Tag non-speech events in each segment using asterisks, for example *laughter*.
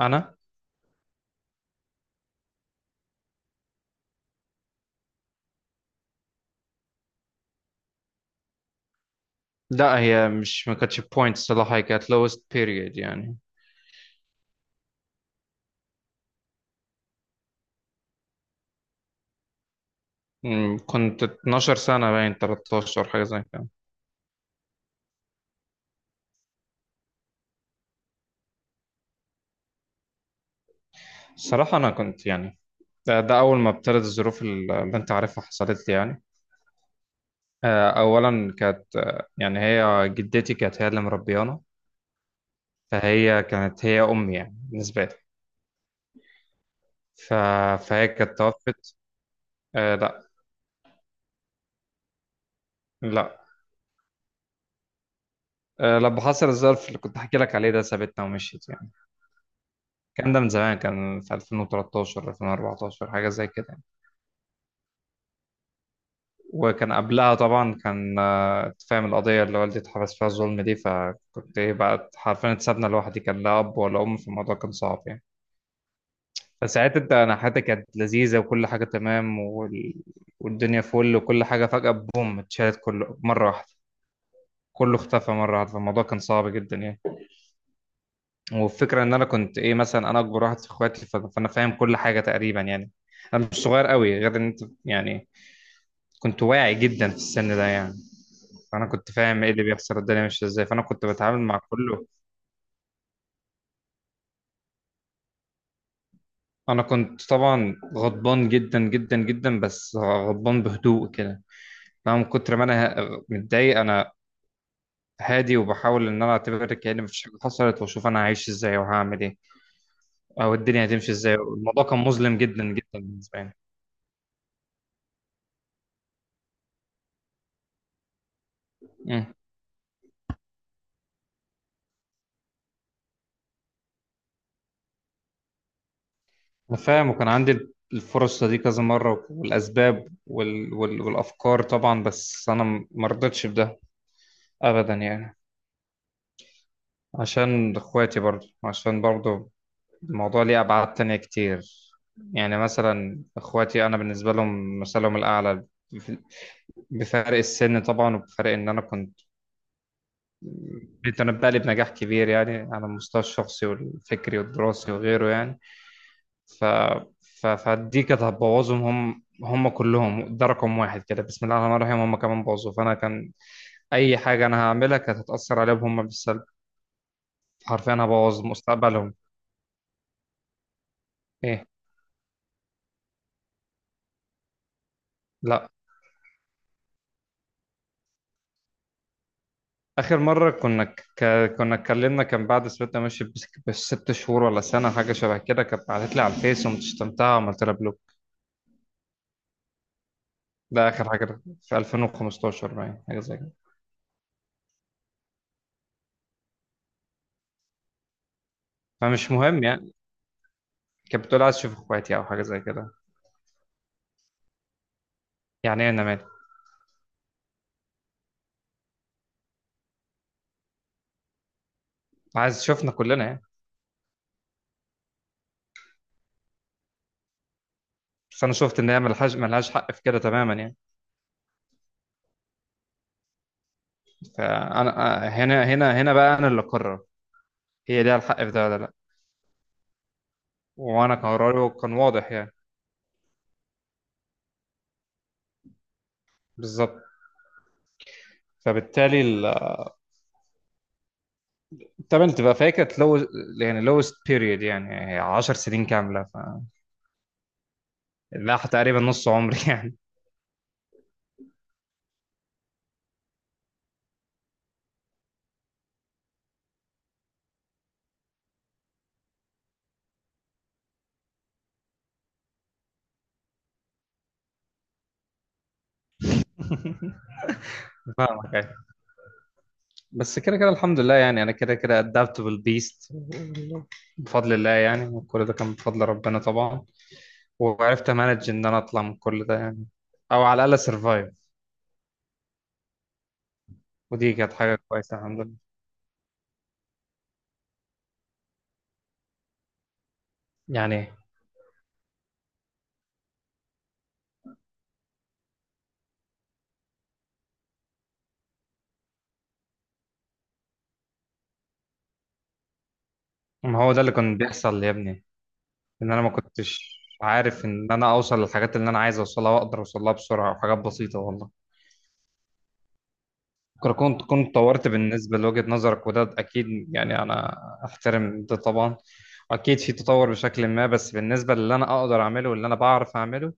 انا لا، هي مش ما كانتش بوينت صراحه، هي كانت لوست بيريد يعني. كنت 12 سنه باين 13 حاجه زي كده. الصراحه انا كنت يعني ده اول ما ابتدت الظروف اللي انت عارفها حصلت لي يعني. اولا كانت يعني هي جدتي كانت هي اللي مربيانا، فهي كانت هي امي يعني بالنسبه لي. ف... فهي كانت توفت. آه لا. لا. لما حصل الظرف اللي كنت احكي لك عليه ده سابتنا ومشيت يعني. كان ده من زمان، كان في 2013 2014 حاجة زي كده يعني. وكان قبلها طبعا كان، أنت فاهم القضية اللي والدي اتحبس فيها، الظلم دي. فكنت ايه بقى؟ حرفيا اتسابنا لوحدي، كان لا أب ولا أم في الموضوع، كان صعب يعني. فساعتها انت، انا حياتي كانت لذيذة وكل حاجة تمام والدنيا فل وكل حاجة، فجأة بوم، اتشالت كله مرة واحدة، كله اختفى مرة واحدة، فالموضوع كان صعب جدا يعني. والفكرة ان انا كنت ايه، مثلا انا اكبر واحد في اخواتي فانا فاهم كل حاجة تقريبا يعني، انا مش صغير قوي، غير ان انت يعني كنت واعي جدا في السن ده يعني. فانا كنت فاهم ايه اللي بيحصل، الدنيا ماشيه ازاي، فانا كنت بتعامل مع كله. انا كنت طبعا غضبان جدا جدا جدا، بس غضبان بهدوء كده. انا من كتر ما انا متضايق، انا هادي وبحاول ان انا اعتبر كأن مفيش حاجه حصلت، واشوف انا هعيش ازاي وهعمل ايه، او الدنيا هتمشي ازاي. الموضوع كان مظلم جدا جدا بالنسبه لي. مم. انا فاهم، وكان عندي الفرصة دي كذا مرة، والأسباب والأفكار طبعا، بس أنا مرضتش بده أبدا يعني. عشان اخواتي، برضو، عشان برضو الموضوع ليه ابعاد تانية كتير. يعني مثلا اخواتي انا بالنسبة لهم مثلهم الاعلى، بف- بفرق السن طبعا، وبفرق ان انا كنت متنبأ لي بنجاح كبير يعني على المستوى الشخصي والفكري والدراسي وغيره يعني. ف... فدي كانت هتبوظهم هم، كلهم، ده رقم واحد كده، بسم الله الرحمن الرحيم. هم كمان بوظوا، فانا كان اي حاجة انا هعملها كانت هتأثر عليهم هم بالسلب، حرفيا هبوظ مستقبلهم. ايه. لا. آخر مرة كنا اتكلمنا، كان بعد سبتنا ماشي، بست شهور ولا سنة حاجة شبه كده. كانت بعتت لي على الفيس، وما شتمتها وعملت لها بلوك. ده آخر حاجة، في 2015 باين حاجة زي كده. فمش مهم يعني، كانت بتقول عايز أشوف إخواتي أو حاجة زي كده. يعني إيه أنا مالي؟ عايز شوفنا كلنا يعني. بس أنا شفت إن هي ملهاش، ملهاش حق في كده تماما يعني. فأنا هنا هنا هنا بقى أنا اللي أقرر، هي ليها الحق في ده ولا لأ. وأنا كان قراري كان واضح يعني. بالظبط. فبالتالي، طب انت بقى فاكر؟ لو يعني lowest period، يعني 10 سنين كامله ف... لا، تقريبا نص عمري *laughs* يعني. فاهمك يعني. بس كده كده الحمد لله يعني، انا كده كده adaptable beast بفضل الله يعني. كل ده كان بفضل ربنا طبعا. وعرفت امانج ان انا اطلع من كل ده يعني، او على الاقل سرفايف. ودي كانت حاجه كويسه الحمد لله. يعني ما هو ده اللي كان بيحصل يا ابني، ان انا ما كنتش عارف ان انا اوصل للحاجات اللي انا عايز اوصلها، واقدر اوصلها بسرعه وحاجات بسيطه والله. كنت، كنت طورت بالنسبة لوجهة نظرك، وده أكيد يعني، أنا أحترم ده طبعا. أكيد في تطور بشكل ما، بس بالنسبة للي أنا أقدر أعمله واللي أنا بعرف أعمله،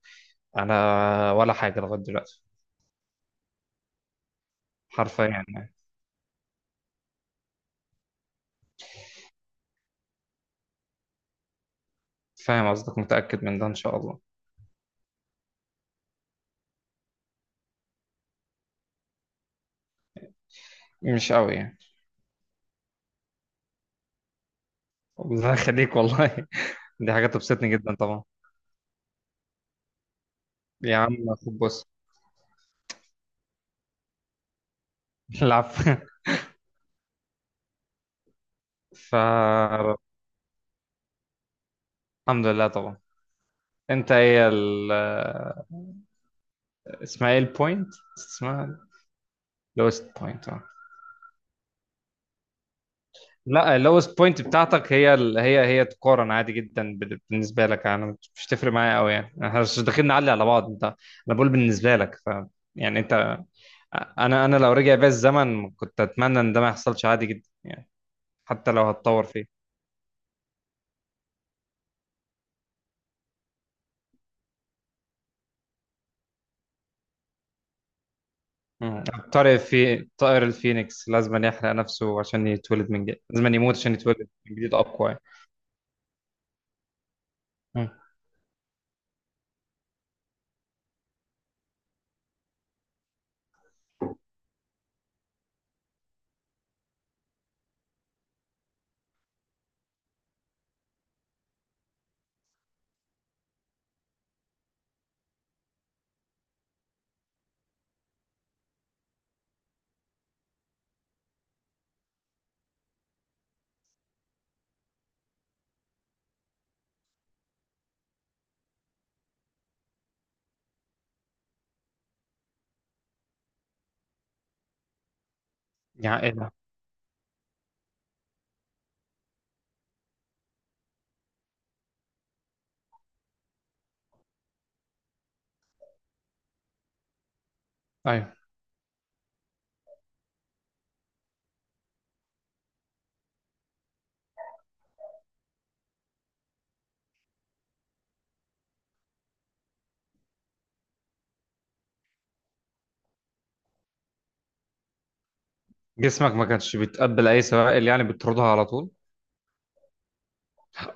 أنا ولا حاجة لغاية دلوقتي. حرفيا يعني. فاهم قصدك، متأكد من ده إن شاء الله. مش قوي يعني. الله يخليك والله. *laughs* دي حاجة تبسطني جدا طبعا. يا عم، خد، بص. *laughs* العفو. فالحمد لله طبعا. أنت إيه ال... اسمها إيه البوينت؟ اسمها... لوست بوينت آه. لا، اللوست بوينت بتاعتك، هي هي تقارن عادي جدا بالنسبه لك. انا مش تفرق معايا قوي يعني، احنا مش داخلين نعلي على بعض. انت، انا بقول بالنسبه لك ف... يعني انت، انا لو رجع بيا الزمن كنت اتمنى ان ده ما يحصلش عادي جدا، حتى لو هتطور فيه. مم. طارق في طائر الفينيكس لازم يحرق نفسه عشان يتولد من جديد، لازم يموت عشان يتولد من جديد اقوى يعني. مم. يعني ايه ده؟ ايوه. جسمك ما كانش بيتقبل اي سوائل يعني، بتطردها على طول.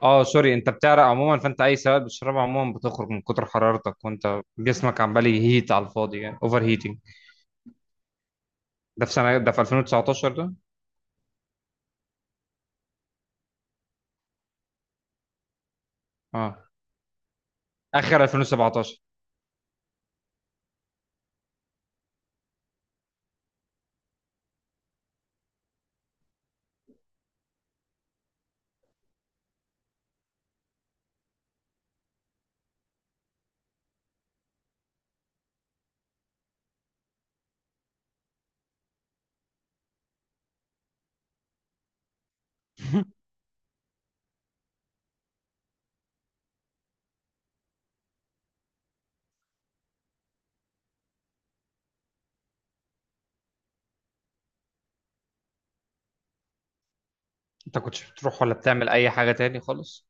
اه. سوري، انت بتعرق عموما، فانت اي سواد بتشربه عموما بتخرج، من كتر حرارتك وانت جسمك عمال يهيت على الفاضي، يعني اوفر هيتنج. ده في سنه، ده في 2019 ده؟ اه، اخر 2017. *laughs* انت كنتش بتروح ولا بتعمل اي حاجه تاني خالص؟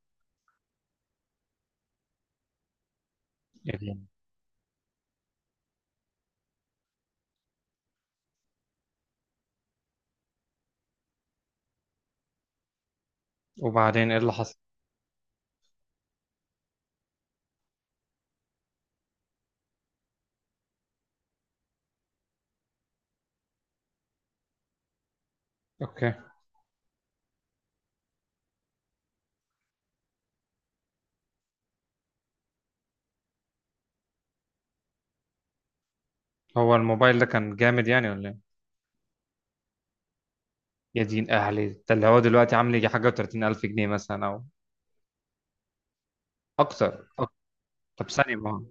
يا دين. وبعدين ايه اللي حصل؟ اوكي. هو الموبايل ده كان جامد يعني ولا ايه؟ يا دين اهلي، ده اللي هو دلوقتي عامل يجي حاجه و30000 الف جنيه مثلا، او اكتر أكتر. طب ثانيه، ما هو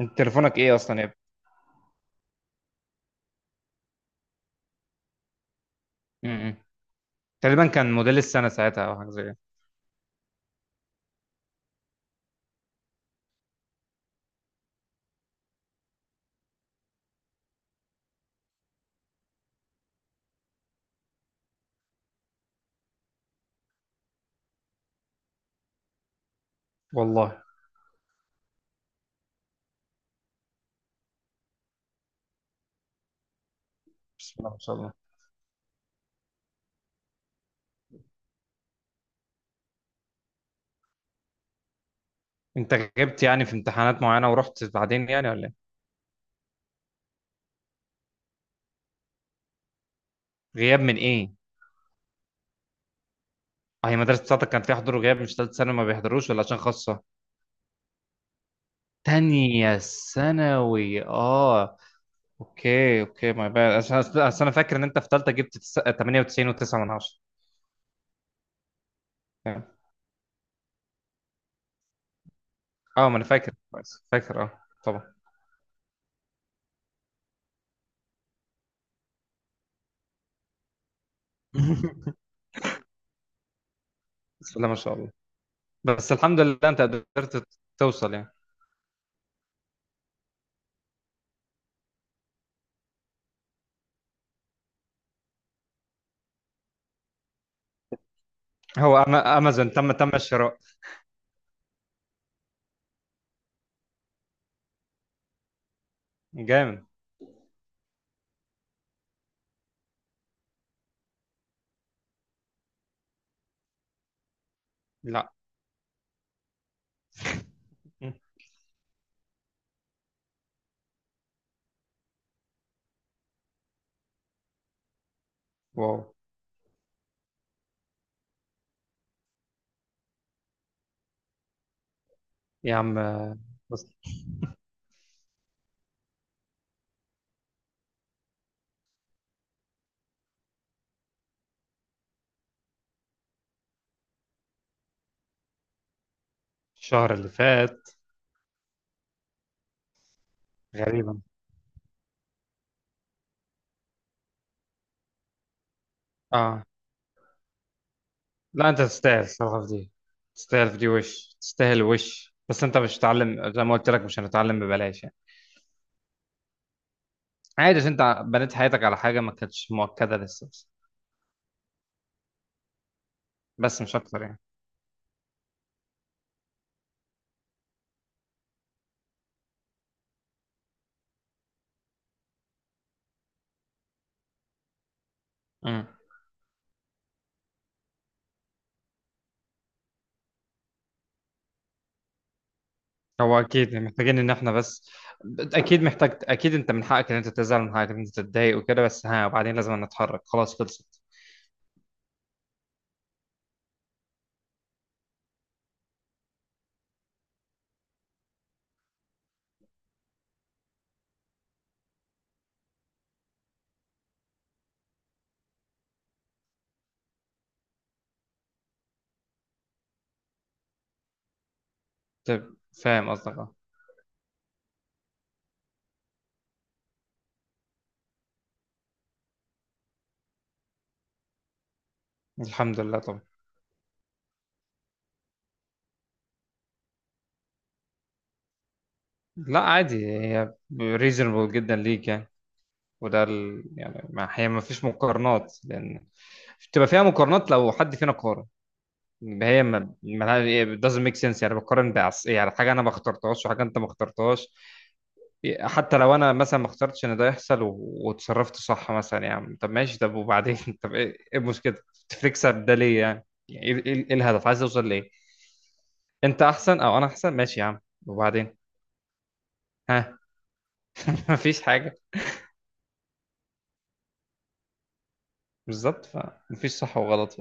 انت تليفونك ايه اصلا يا ابني؟ م- م. تقريبا كان موديل السنه ساعتها او حاجه زي كده. والله. بسم الله ما شاء الله. انت غبت يعني في امتحانات معينة ورحت بعدين يعني ولا ايه؟ غياب من ايه؟ اه، هي مدرسة بتاعتك كان فيها حضور وغياب؟ مش تالتة ثانوي ما بيحضروش، ولا عشان خاصة؟ تانية ثانوي، اه. اوكي اوكي، ما بقى عشان، أصل انا فاكر ان انت في تالتة جبت 98 و9 من 10. اه ما انا فاكر، كويس فاكر، اه طبعا. *laughs* بسم الله ما شاء الله. بس الحمد لله انت قدرت توصل يعني. هو امازون، تم الشراء؟ جامد. لا. *laughs* واو. يا عم. بس، الشهر اللي فات؟ غريبا. اه لا، انت تستاهل الصراحه في دي، تستاهل في دي وش، تستاهل وش، بس انت مش هتتعلم زي ما قلت لك، مش هنتعلم ببلاش يعني. عادي، عشان انت بنيت حياتك على حاجه ما كانتش مؤكده لسه بس, بس مش اكتر يعني. امم. هو اكيد محتاجين ان احنا بس، اكيد محتاج، اكيد انت من حقك ان انت تزعل، من حقك ان انت تتضايق وكده، بس ها وبعدين، لازم نتحرك، خلاص خلصت. طيب، فاهم قصدك اه. الحمد لله طبعا. لا عادي، هي ريزونبل جدا ليك يعني. يعني ما هي ما فيش مقارنات، لان بتبقى فيها مقارنات لو حد فينا قارن. هي ما ما- it doesn't make sense يعني، بقارن بعص يعني، حاجه انا ما اخترتهاش وحاجه انت ما اخترتهاش. حتى لو انا مثلا ما اخترتش ان ده يحصل و... وتصرفت صح مثلا، يعني طب ماشي، طب وبعدين؟ *laughs* طب ايه إيه المشكله؟ تكسب ده ليه يعني؟ يعني ايه إيه الهدف؟ عايز اوصل ليه؟ انت احسن او انا احسن، ماشي يا عم، وبعدين؟ ها. *laughs* مفيش حاجه. بالظبط، فمفيش صح وغلط.